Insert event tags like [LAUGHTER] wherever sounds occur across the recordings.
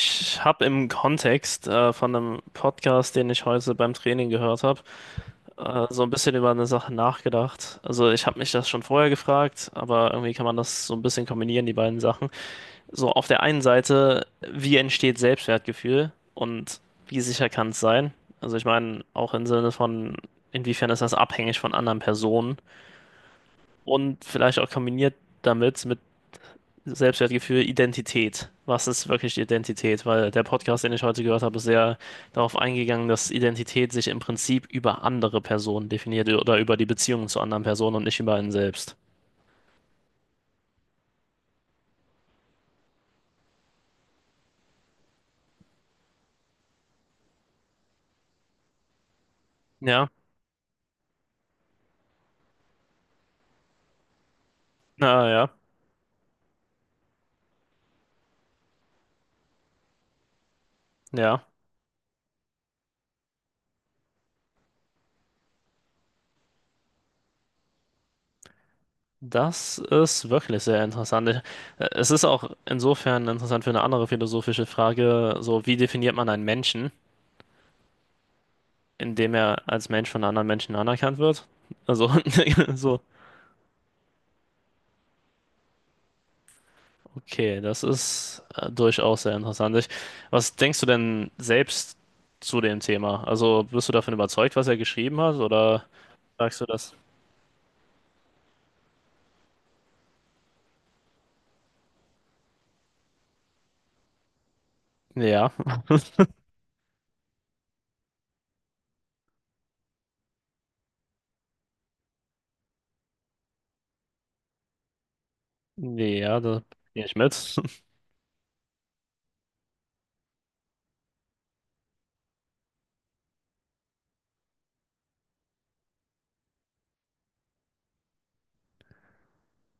Ich habe im Kontext von einem Podcast, den ich heute beim Training gehört habe, so ein bisschen über eine Sache nachgedacht. Also ich habe mich das schon vorher gefragt, aber irgendwie kann man das so ein bisschen kombinieren, die beiden Sachen. So auf der einen Seite, wie entsteht Selbstwertgefühl und wie sicher kann es sein? Also ich meine, auch im Sinne von, inwiefern ist das abhängig von anderen Personen und vielleicht auch kombiniert damit mit Selbstwertgefühl, Identität. Was ist wirklich die Identität? Weil der Podcast, den ich heute gehört habe, ist sehr darauf eingegangen, dass Identität sich im Prinzip über andere Personen definiert oder über die Beziehungen zu anderen Personen und nicht über einen selbst. Ja, na ja, ja. Das ist wirklich sehr interessant. Es ist auch insofern interessant für eine andere philosophische Frage, so wie definiert man einen Menschen, indem er als Mensch von anderen Menschen anerkannt wird? Also, [LAUGHS] so, okay, das ist durchaus sehr interessant. Ich, was denkst du denn selbst zu dem Thema? Also bist du davon überzeugt, was er geschrieben hat, oder sagst du das? Ja, ja, da gehe ich mit. [LAUGHS]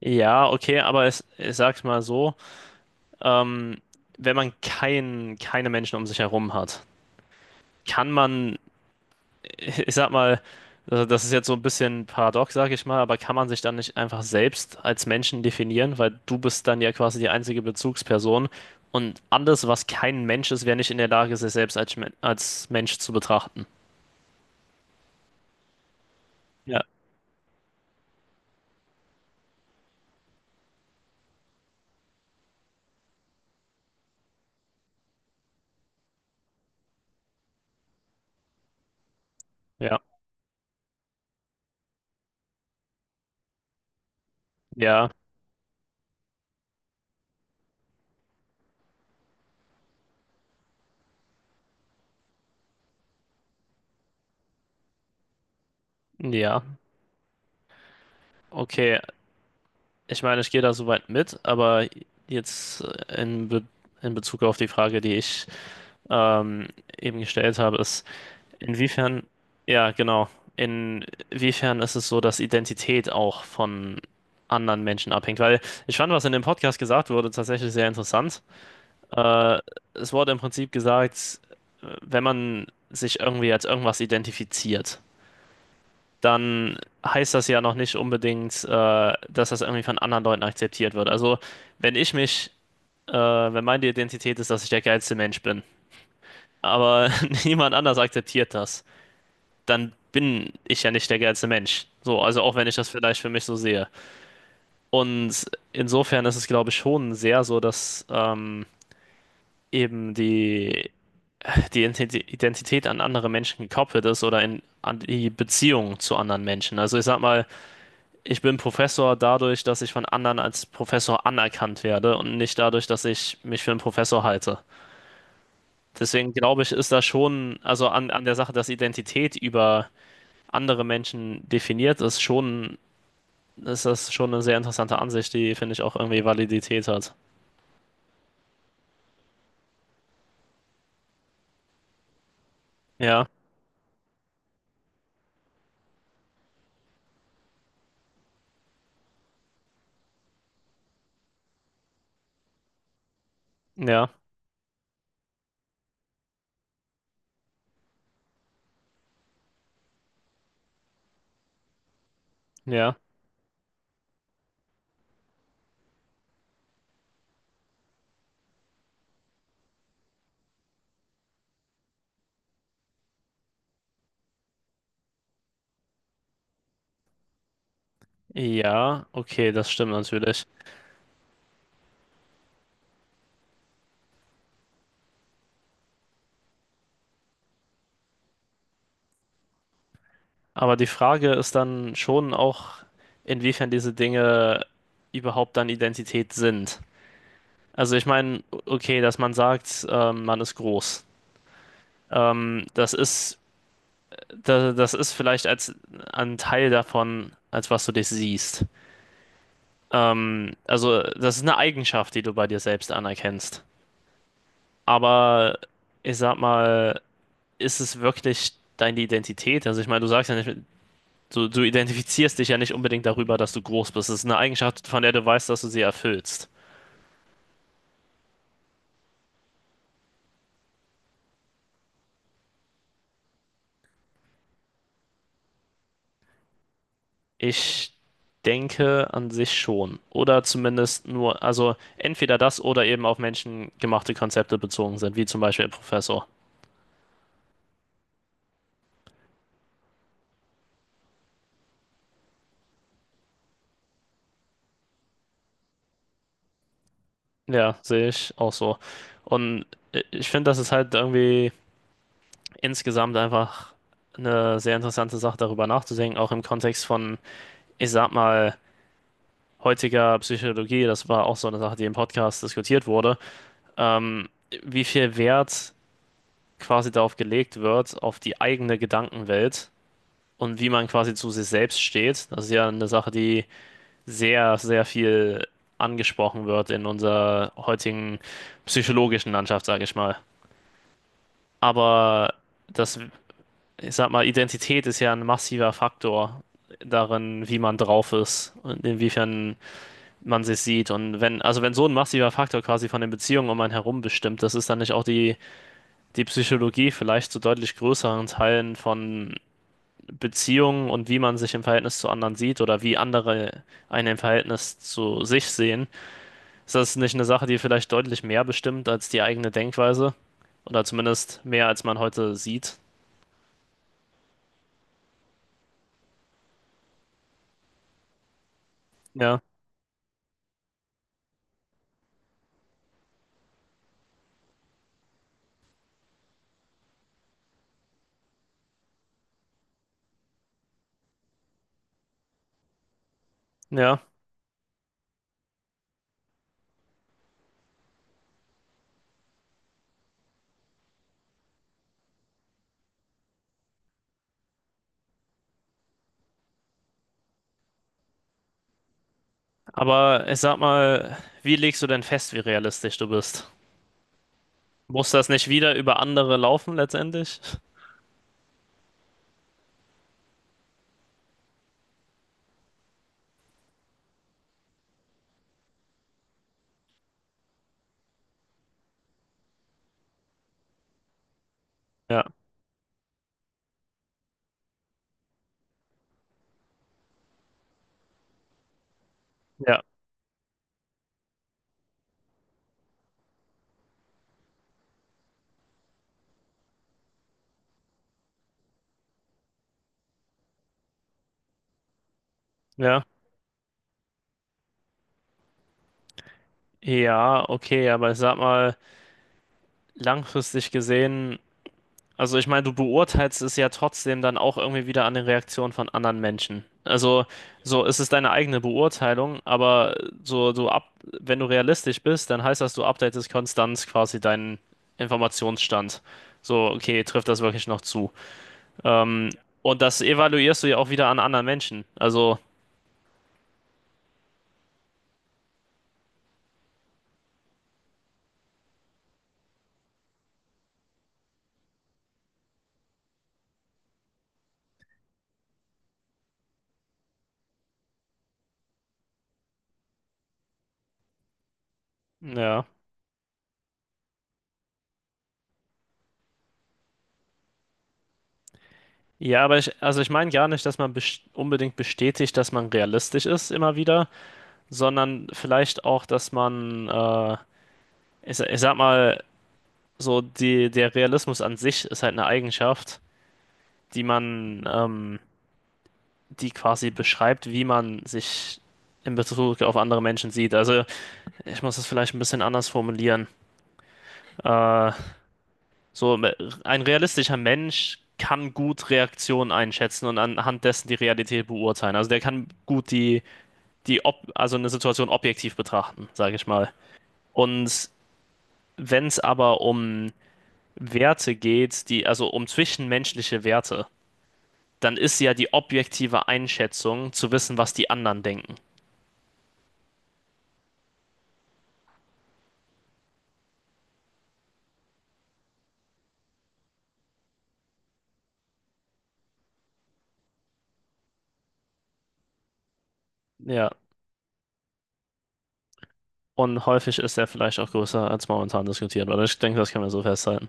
Ja, okay, aber es, ich sag's mal so, ähm, wenn man keine Menschen um sich herum hat, kann man ich sag mal, also das ist jetzt so ein bisschen paradox, sag ich mal, aber kann man sich dann nicht einfach selbst als Menschen definieren, weil du bist dann ja quasi die einzige Bezugsperson und alles, was kein Mensch ist, wäre nicht in der Lage, sich selbst als Mensch zu betrachten. Ja, ja, ja, ja. Okay, ich meine, ich gehe da soweit mit, aber jetzt äh, in, Be in Bezug auf die Frage, die ich ähm, eben gestellt habe, ist inwiefern, ja, genau. Inwiefern ist es so, dass Identität auch von anderen Menschen abhängt? Weil ich fand, was in dem Podcast gesagt wurde, tatsächlich sehr interessant. Äh, Es wurde im Prinzip gesagt, wenn man sich irgendwie als irgendwas identifiziert, dann heißt das ja noch nicht unbedingt, dass das irgendwie von anderen Leuten akzeptiert wird. Also, wenn ich mich, wenn meine Identität ist, dass ich der geilste Mensch bin, aber [LAUGHS] niemand anders akzeptiert das, dann bin ich ja nicht der geilste Mensch. So, also auch wenn ich das vielleicht für mich so sehe. Und insofern ist es, glaube ich, schon sehr so, dass eben die Identität an andere Menschen gekoppelt ist oder an die Beziehung zu anderen Menschen. Also ich sag mal, ich bin Professor dadurch, dass ich von anderen als Professor anerkannt werde und nicht dadurch, dass ich mich für einen Professor halte. Deswegen glaube ich, ist da schon, also an der Sache, dass Identität über andere Menschen definiert ist, schon ist das schon eine sehr interessante Ansicht, die, finde ich, auch irgendwie Validität hat. Ja, ja, ja, ja, okay, das stimmt natürlich. Aber die Frage ist dann schon auch, inwiefern diese Dinge überhaupt dann Identität sind. Also ich meine, okay, dass man sagt, man ist groß. Ähm, das ist, das ist vielleicht als ein Teil davon, als was du dich siehst. Also das ist eine Eigenschaft, die du bei dir selbst anerkennst. Aber ich sag mal, ist es wirklich deine Identität? Also ich meine, du sagst ja nicht, du identifizierst dich ja nicht unbedingt darüber, dass du groß bist. Es ist eine Eigenschaft, von der du weißt, dass du sie erfüllst. Ich denke an sich schon. Oder zumindest nur, also entweder das oder eben auf menschengemachte Konzepte bezogen sind, wie zum Beispiel Professor. Ja, sehe ich auch so. Und ich finde, das ist halt irgendwie insgesamt einfach eine sehr interessante Sache, darüber nachzudenken, auch im Kontext von ich sag mal, heutiger Psychologie, das war auch so eine Sache, die im Podcast diskutiert wurde, ähm, wie viel Wert quasi darauf gelegt wird, auf die eigene Gedankenwelt und wie man quasi zu sich selbst steht. Das ist ja eine Sache, die sehr, sehr viel angesprochen wird in unserer heutigen psychologischen Landschaft, sage ich mal. Aber das, ich sag mal, Identität ist ja ein massiver Faktor darin, wie man drauf ist und inwiefern man sich sieht. Und wenn, also wenn so ein massiver Faktor quasi von den Beziehungen um einen herum bestimmt, das ist dann nicht auch die, die Psychologie vielleicht zu deutlich größeren Teilen von Beziehungen und wie man sich im Verhältnis zu anderen sieht oder wie andere einen im Verhältnis zu sich sehen. Ist das nicht eine Sache, die vielleicht deutlich mehr bestimmt als die eigene Denkweise? Oder zumindest mehr, als man heute sieht? Ja, ja. Aber ich sag mal, wie legst du denn fest, wie realistisch du bist? Muss das nicht wieder über andere laufen letztendlich? Ja, ja. Ja, ja, okay, aber ich sag mal, langfristig gesehen, also ich meine, du beurteilst es ja trotzdem dann auch irgendwie wieder an den Reaktionen von anderen Menschen. Also, so, es ist deine eigene Beurteilung, aber so, wenn du realistisch bist, dann heißt das, du updatest konstant quasi deinen Informationsstand. So, okay, trifft das wirklich noch zu? Ähm, und das evaluierst du ja auch wieder an anderen Menschen. Also, ja. Ja, aber ich, also ich meine gar nicht, dass man unbedingt bestätigt, dass man realistisch ist immer wieder, sondern vielleicht auch, dass man, ich sag mal, so der Realismus an sich ist halt eine Eigenschaft, die man, die quasi beschreibt, wie man sich in Bezug auf andere Menschen sieht. Also ich muss das vielleicht ein bisschen anders formulieren. Äh, so me- ein realistischer Mensch kann gut Reaktionen einschätzen und anhand dessen die Realität beurteilen. Also der kann gut die die ob also eine Situation objektiv betrachten, sage ich mal. Und wenn es aber um Werte geht, also um zwischenmenschliche Werte, dann ist ja die objektive Einschätzung zu wissen, was die anderen denken. Ja. Und häufig ist er vielleicht auch größer als momentan diskutiert, oder ich denke, das kann man so festhalten.